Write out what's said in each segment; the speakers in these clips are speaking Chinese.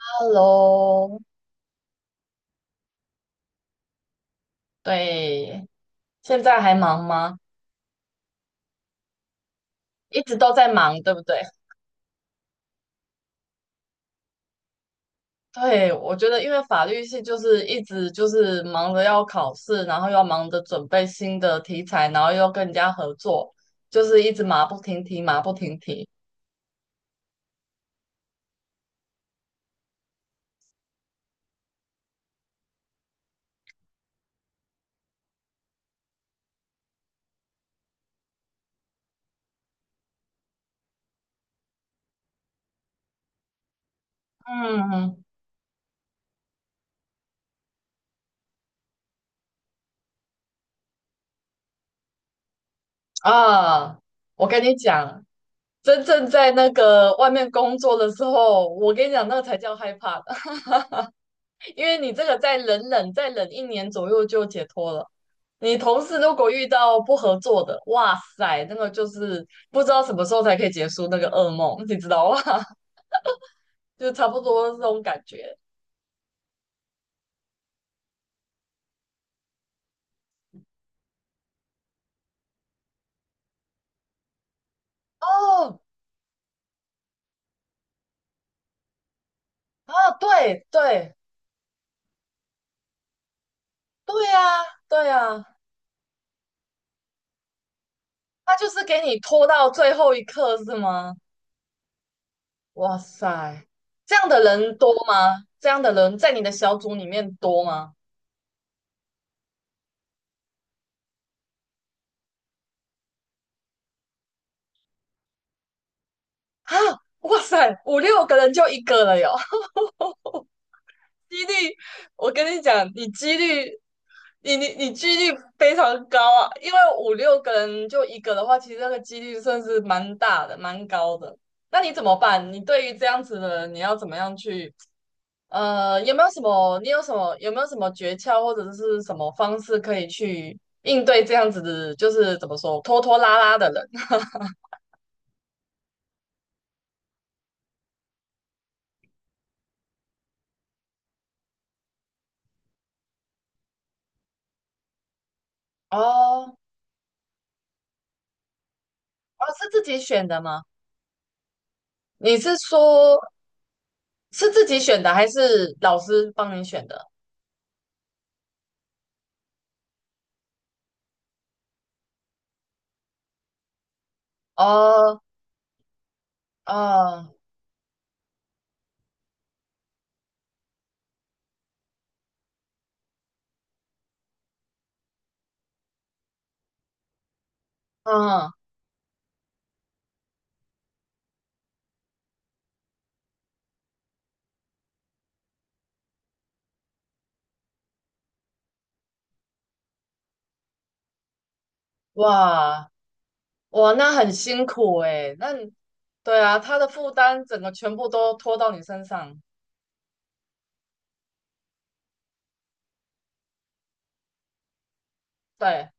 Hello，对，现在还忙吗？一直都在忙，对不对？对，我觉得因为法律系就是一直就是忙着要考试，然后又要忙着准备新的题材，然后又要跟人家合作，就是一直马不停蹄，马不停蹄。嗯啊，我跟你讲，真正在那个外面工作的时候，我跟你讲，那个才叫害怕的，因为你这个再忍忍，再忍一年左右就解脱了。你同事如果遇到不合作的，哇塞，那个就是不知道什么时候才可以结束那个噩梦，你知道吗？就差不多这种感觉。哦，啊，对对对呀，对呀，他就是给你拖到最后一刻是吗？哇塞，这样的人多吗？这样的人在你的小组里面多吗？啊，哇塞，五六个人就一个了哟。几率，我跟你讲，你几率，你几率非常高啊，因为五六个人就一个的话，其实那个几率算是蛮大的，蛮高的。那你怎么办？你对于这样子的人，你要怎么样去？有没有什么？你有什么？有没有什么诀窍或者是什么方式可以去应对这样子的？就是怎么说，拖拖拉拉的人？哦，哦，是自己选的吗？你是说，是自己选的，还是老师帮你选的？哦，嗯嗯，哇哇，那很辛苦诶，那你对啊，他的负担整个全部都拖到你身上，对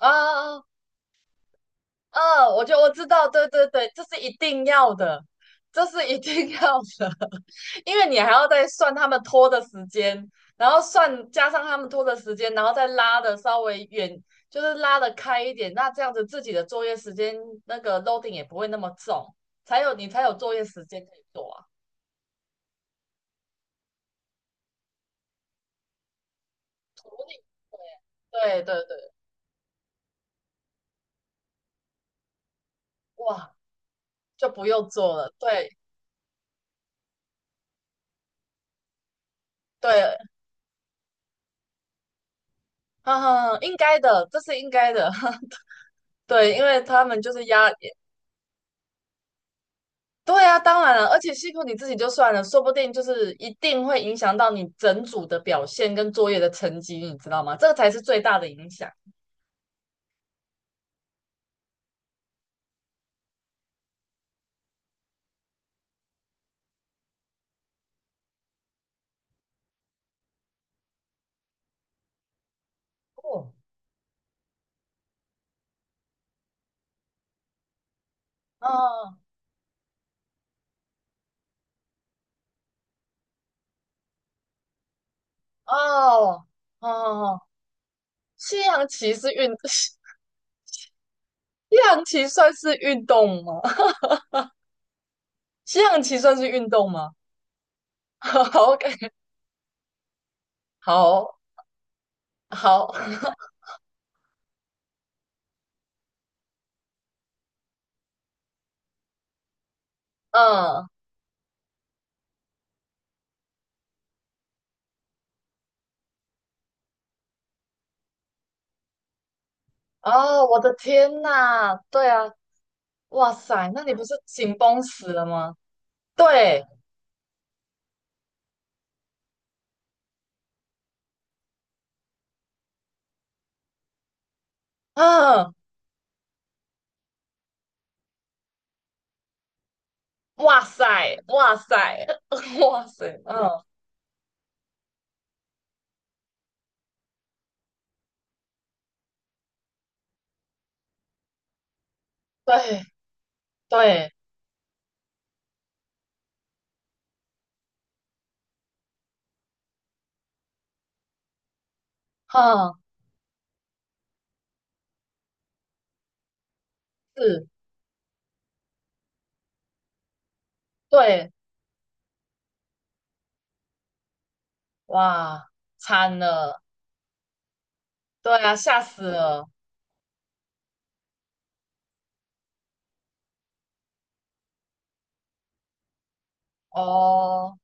啊啊，啊我就我知道，对对对，这是一定要的，这是一定要的，因为你还要再算他们拖的时间，然后算加上他们拖的时间，然后再拉的稍微远，就是拉的开一点，那这样子自己的作业时间那个 loading 也不会那么重，才有你才有作业时间可以做啊。独立对对对，哇，就不用做了。对对，哈哈，应该的，这是应该的。对，因为他们就是压，对啊，当然了，而且辛苦你自己就算了，说不定就是一定会影响到你整组的表现跟作业的成绩，你知道吗？这个才是最大的影响。哦，哦哦哦，西洋棋是运，西洋棋算是运动吗？西洋棋算是运动吗？好，OK，好，好。嗯，哦，我的天呐，对啊，哇塞，那你不是紧绷死了吗？对，嗯，哇塞，哇塞，哇塞，嗯，对对，嗯，是，对，哇，惨了，对啊，吓死了，哦，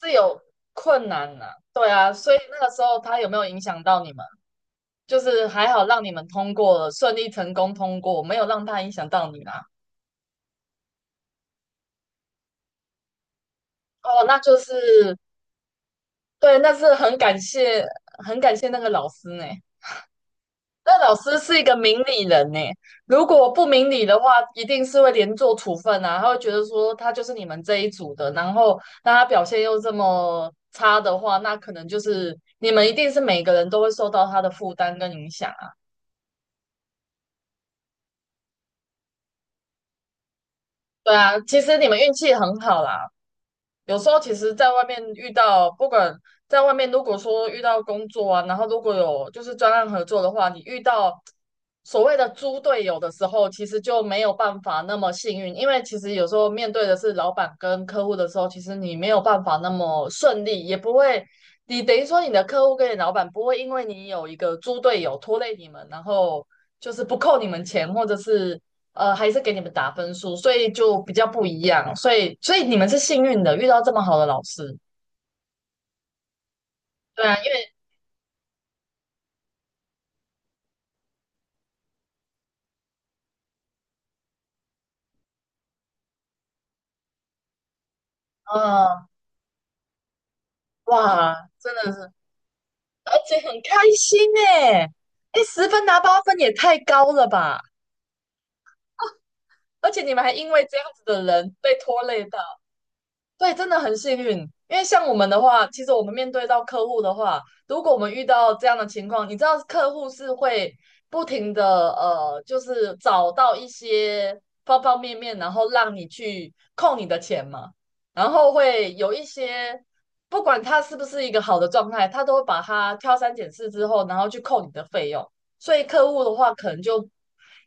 是有困难呐、对啊，所以那个时候他有没有影响到你们？就是还好让你们通过了，顺利成功通过，没有让他影响到你啦。哦，那就是。对，那是很感谢，很感谢那个老师呢。那老师是一个明理人呢，如果不明理的话，一定是会连坐处分啊。他会觉得说他就是你们这一组的，然后那他表现又这么差的话，那可能就是你们一定是每个人都会受到他的负担跟影响啊。对啊，其实你们运气很好啦，有时候其实，在外面遇到，不管在外面，如果说遇到工作啊，然后如果有就是专案合作的话，你遇到所谓的猪队友的时候，其实就没有办法那么幸运，因为其实有时候面对的是老板跟客户的时候，其实你没有办法那么顺利，也不会，你等于说你的客户跟你老板不会因为你有一个猪队友拖累你们，然后就是不扣你们钱，或者是还是给你们打分数，所以就比较不一样。所以，所以你们是幸运的，遇到这么好的老师。对啊，因为呃，哇，真的是，而且很开心诶，哎，十分拿八分也太高了吧！而且你们还因为这样子的人被拖累到。对，真的很幸运，因为像我们的话，其实我们面对到客户的话，如果我们遇到这样的情况，你知道客户是会不停的就是找到一些方方面面，然后让你去扣你的钱嘛，然后会有一些不管他是不是一个好的状态，他都会把它挑三拣四之后，然后去扣你的费用。所以客户的话，可能就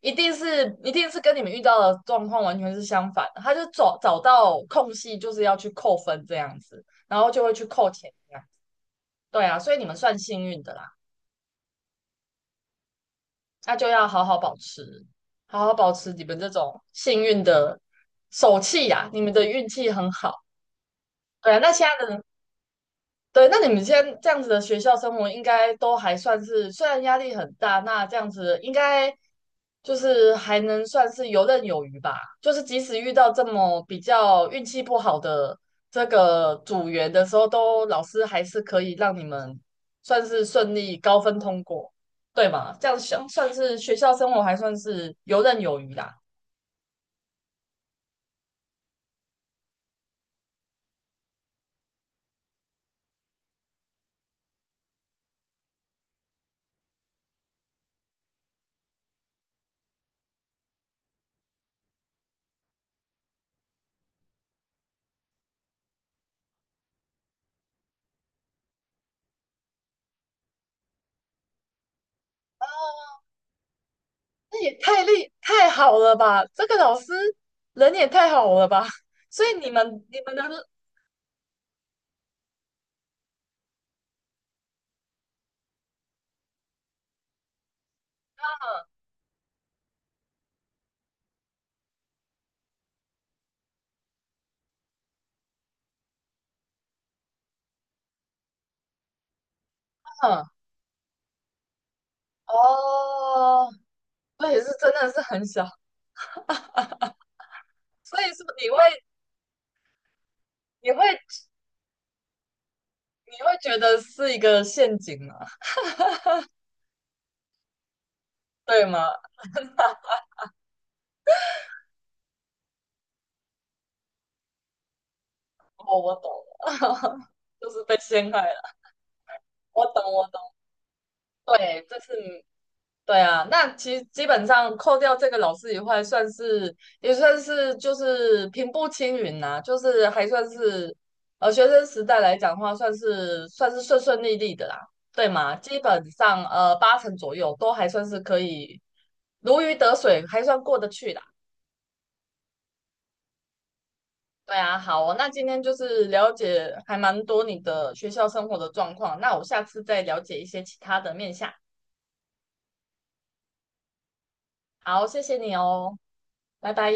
一定是一定是跟你们遇到的状况完全是相反的，他就找找到空隙，就是要去扣分这样子，然后就会去扣钱这样。对啊，所以你们算幸运的啦，那就要好好保持，好好保持你们这种幸运的手气呀、你们的运气很好。对啊，那现在的对，那你们现在这样子的学校生活，应该都还算是，虽然压力很大，那这样子应该就是还能算是游刃有余吧。就是即使遇到这么比较运气不好的这个组员的时候，都老师还是可以让你们算是顺利高分通过，对吗？这样想算是学校生活还算是游刃有余啦。那也太厉太好了吧！这个老师人也太好了吧！所以你们你们的嗯。哦，那也是真的是很小，所以是不你会你会你会觉得是一个陷阱吗？对吗？哦，我懂了，就是被陷害了。我懂，我懂。对，这次对啊，那其实基本上扣掉这个老师以外，算是也算是就是平步青云呐、就是还算是学生时代来讲的话，算是算是顺顺利利的啦，对吗？基本上八成左右都还算是可以如鱼得水，还算过得去啦。对啊，好哦，那今天就是了解还蛮多你的学校生活的状况，那我下次再了解一些其他的面相。好，谢谢你哦，拜拜。